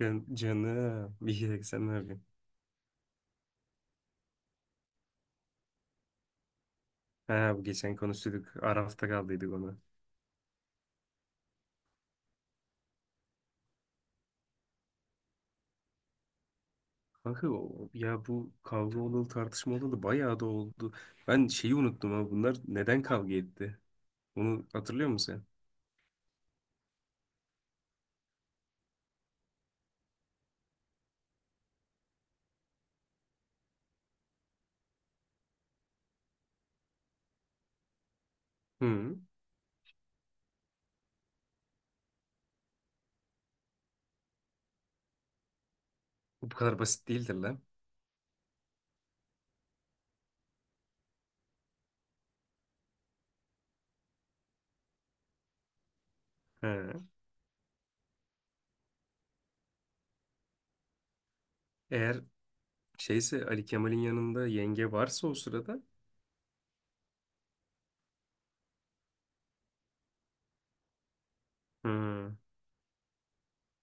Can, canım. İyi ki de sen ne yapıyorsun? Ha, bu geçen konuştuk. Arafta kaldıydık ona. Kanka ya bu kavga olalı tartışma olalı bayağı da oldu. Ben şeyi unuttum ha. Bunlar neden kavga etti? Onu hatırlıyor musun sen? Hı. Bu kadar basit değildir lan. Ha. Eğer şeyse Ali Kemal'in yanında yenge varsa o sırada. Hı.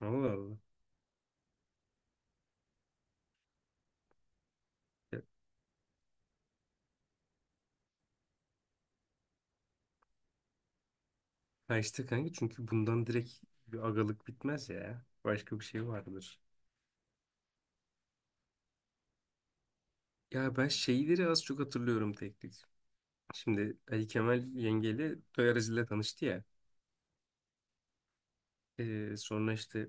Allah Allah. Ya, ha işte kanka çünkü bundan direkt bir agalık bitmez ya. Başka bir şey vardır. Ya ben şeyleri az çok hatırlıyorum tek tek. Şimdi Ali Kemal yengeyle toy aracıyla tanıştı ya. Sonra işte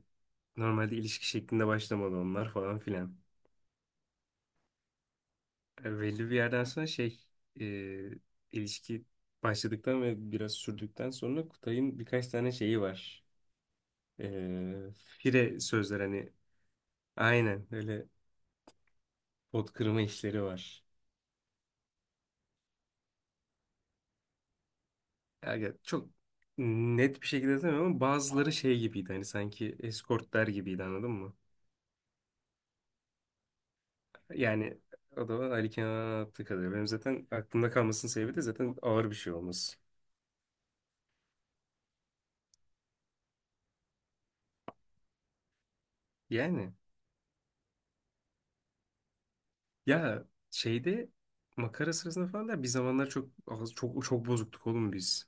normalde ilişki şeklinde başlamadı onlar falan filan. Yani belli bir yerden sonra şey e, ilişki başladıktan ve biraz sürdükten sonra Kutay'ın birkaç tane şeyi var. Fire sözler hani aynen öyle pot kırma işleri var. Yani çok net bir şekilde demiyorum ama bazıları şey gibiydi hani sanki eskortlar gibiydi anladın mı? Yani o da Ali Kenan'a attığı kadarıyla. Benim zaten aklımda kalmasının sebebi de zaten ağır bir şey olması. Yani ya şeyde makara sırasında falan da bir zamanlar çok çok çok bozuktuk oğlum biz.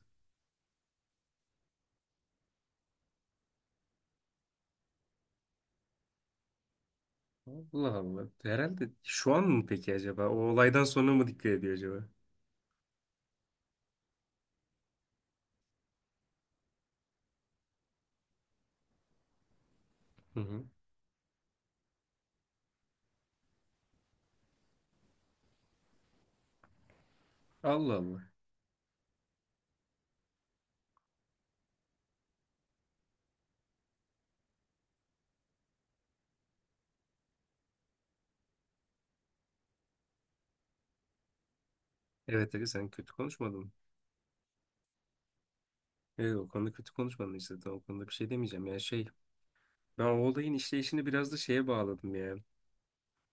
Allah Allah. Herhalde şu an mı peki acaba? O olaydan sonra mı dikkat ediyor acaba? Hı hı. Allah Allah. Evet Ali sen kötü konuşmadın mı? Evet o konuda kötü konuşmadın işte. Tamam, o konuda bir şey demeyeceğim. Yani şey ben o olayın işleyişini biraz da şeye bağladım ya.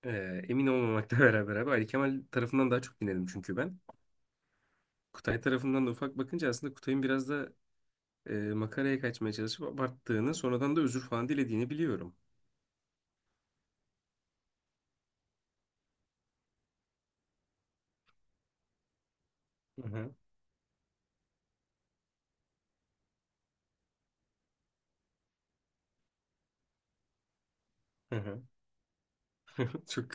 Emin olmamakla beraber abi Ali Kemal tarafından daha çok dinledim çünkü ben. Kutay tarafından da ufak bakınca aslında Kutay'ın biraz da makaraya kaçmaya çalışıp abarttığını sonradan da özür falan dilediğini biliyorum. Hı hı, hı hı. Çok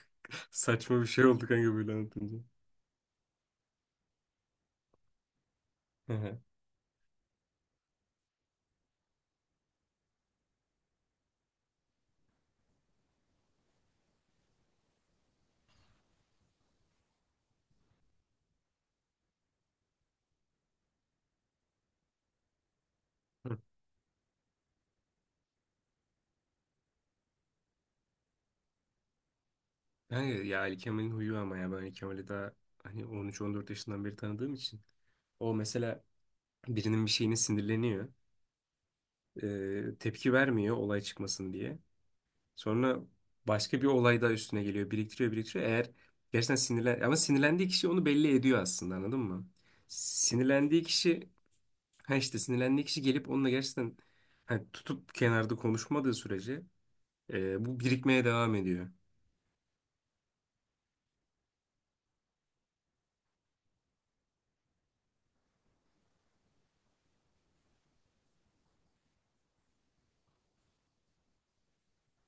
saçma bir şey oldu kanka böyle anlatınca. Hı hı. Hı. Kanka ya Ali Kemal'in huyu ama ya ben Ali Kemal'i daha hani 13-14 yaşından beri tanıdığım için. O mesela birinin bir şeyine sinirleniyor. Tepki vermiyor olay çıkmasın diye. Sonra başka bir olay daha üstüne geliyor. Biriktiriyor, biriktiriyor. Eğer gerçekten sinirlen... Ama sinirlendiği kişi onu belli ediyor aslında anladın mı? Sinirlendiği kişi... Ha işte sinirlendiği kişi gelip onunla gerçekten hani tutup kenarda konuşmadığı sürece bu birikmeye devam ediyor.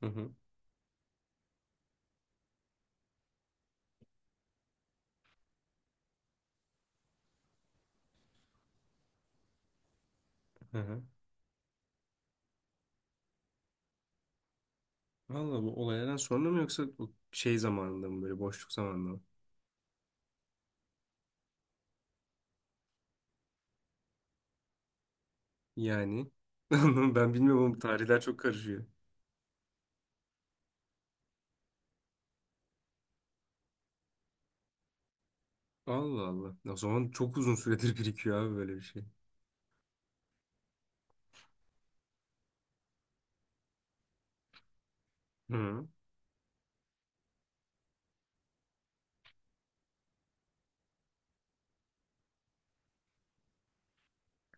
Hı hı. Hı hı. Valla bu olaylardan sonra mı yoksa bu şey zamanında mı böyle boşluk zamanında mı? Yani ben bilmiyorum ama tarihler çok karışıyor. Allah Allah. O zaman çok uzun süredir birikiyor abi böyle bir şey. Hı.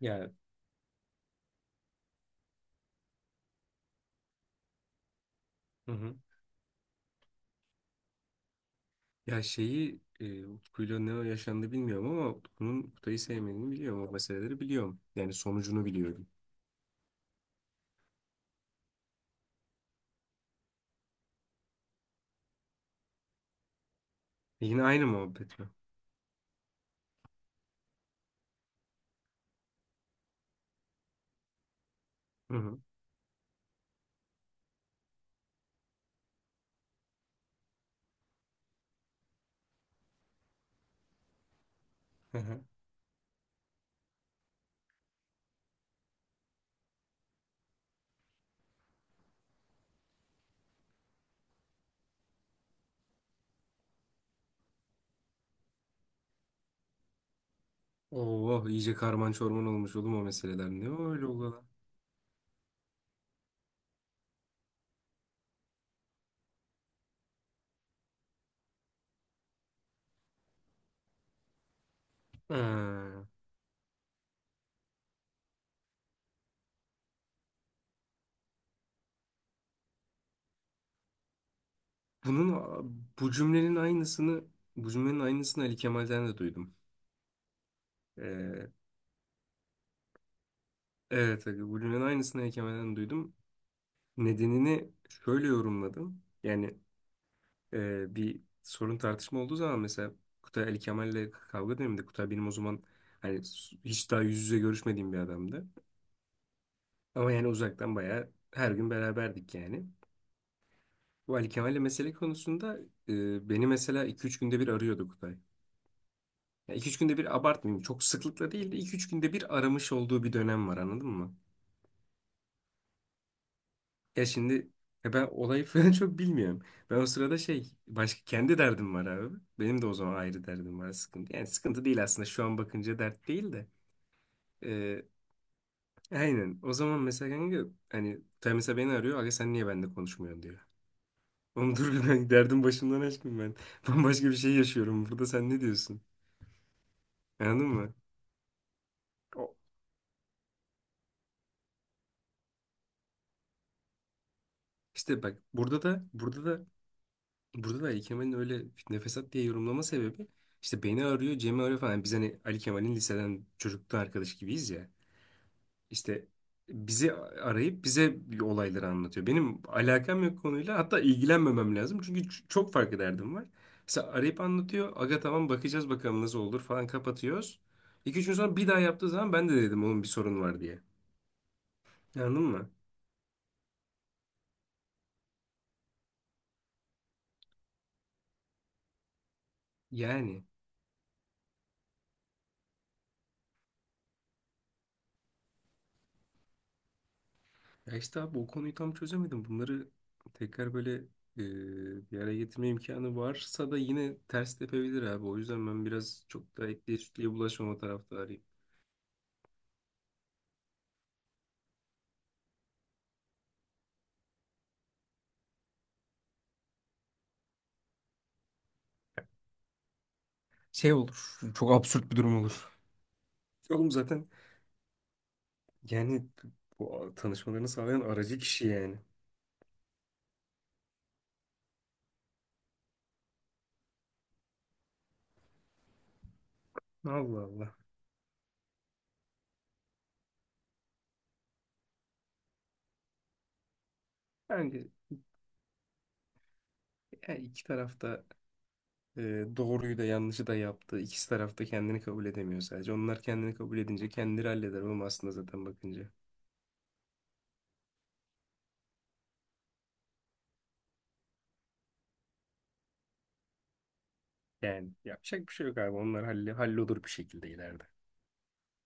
Yani. Hı hı. Ya şeyi Utku'yla ne yaşandı bilmiyorum ama Utku'nun Kutay'ı sevmediğini biliyorum. O meseleleri biliyorum. Yani sonucunu biliyorum. E yine aynı muhabbet mi? Hı hı. Hı hı. Oh iyice karman çorman olmuş oğlum o meseleler. Ne o öyle ola? Ha. Bunun bu cümlenin aynısını bu cümlenin aynısını Ali Kemal'den de duydum. Ee, evet aga, bu cümlenin aynısını Ali Kemal'den duydum. Nedenini şöyle yorumladım. Yani bir sorun tartışma olduğu zaman mesela Kutay Ali Kemal'le kavga döneminde Kutay benim o zaman hani hiç daha yüz yüze görüşmediğim bir adamdı. Ama yani uzaktan bayağı her gün beraberdik yani. Bu Ali Kemal'le mesele konusunda beni mesela iki üç günde bir arıyordu Kutay. Yani 2-3 günde bir abartmayayım. Çok sıklıkla değil de iki üç günde bir aramış olduğu bir dönem var anladın mı? Ya şimdi ya ben olayı falan çok bilmiyorum. Ben o sırada şey başka kendi derdim var abi. Benim de o zaman ayrı derdim var sıkıntı. Yani sıkıntı değil aslında şu an bakınca dert değil de. Ee, aynen o zaman mesela kanka hani Tay mesela beni arıyor. Aga sen niye benimle konuşmuyorsun diyor. Oğlum dur bir ben derdim başımdan aşkım ben. Bambaşka bir şey yaşıyorum burada sen ne diyorsun? Anladın mı? O- İşte bak burada da burada da Ali Kemal'in öyle fitne fesat diye yorumlama sebebi işte beni arıyor, Cem'i arıyor falan. Biz hani Ali Kemal'in liseden çocukluktan arkadaş gibiyiz ya. İşte bizi arayıp bize olayları anlatıyor. Benim alakam yok konuyla hatta ilgilenmemem lazım. Çünkü çok farklı derdim var. Mesela arayıp anlatıyor. Aga tamam bakacağız bakalım nasıl olur falan kapatıyoruz. İki üç gün sonra bir daha yaptığı zaman ben de dedim onun bir sorun var diye. Anladın mı? Yani. Ya işte abi o konuyu tam çözemedim. Bunları tekrar böyle bir araya getirme imkanı varsa da yine ters tepebilir abi. O yüzden ben biraz çok da etliye sütlüye bulaşmama taraftarıyım. Şey olur. Çok absürt bir durum olur. Oğlum zaten yani bu tanışmalarını sağlayan aracı kişi yani. Allah Allah. Bence yani iki tarafta doğruyu da yanlışı da yaptı. İkisi tarafta kendini kabul edemiyor sadece. Onlar kendini kabul edince kendileri halleder oğlum aslında zaten bakınca. Yani yapacak bir şey yok abi. Onlar halle, hallolur bir şekilde ileride.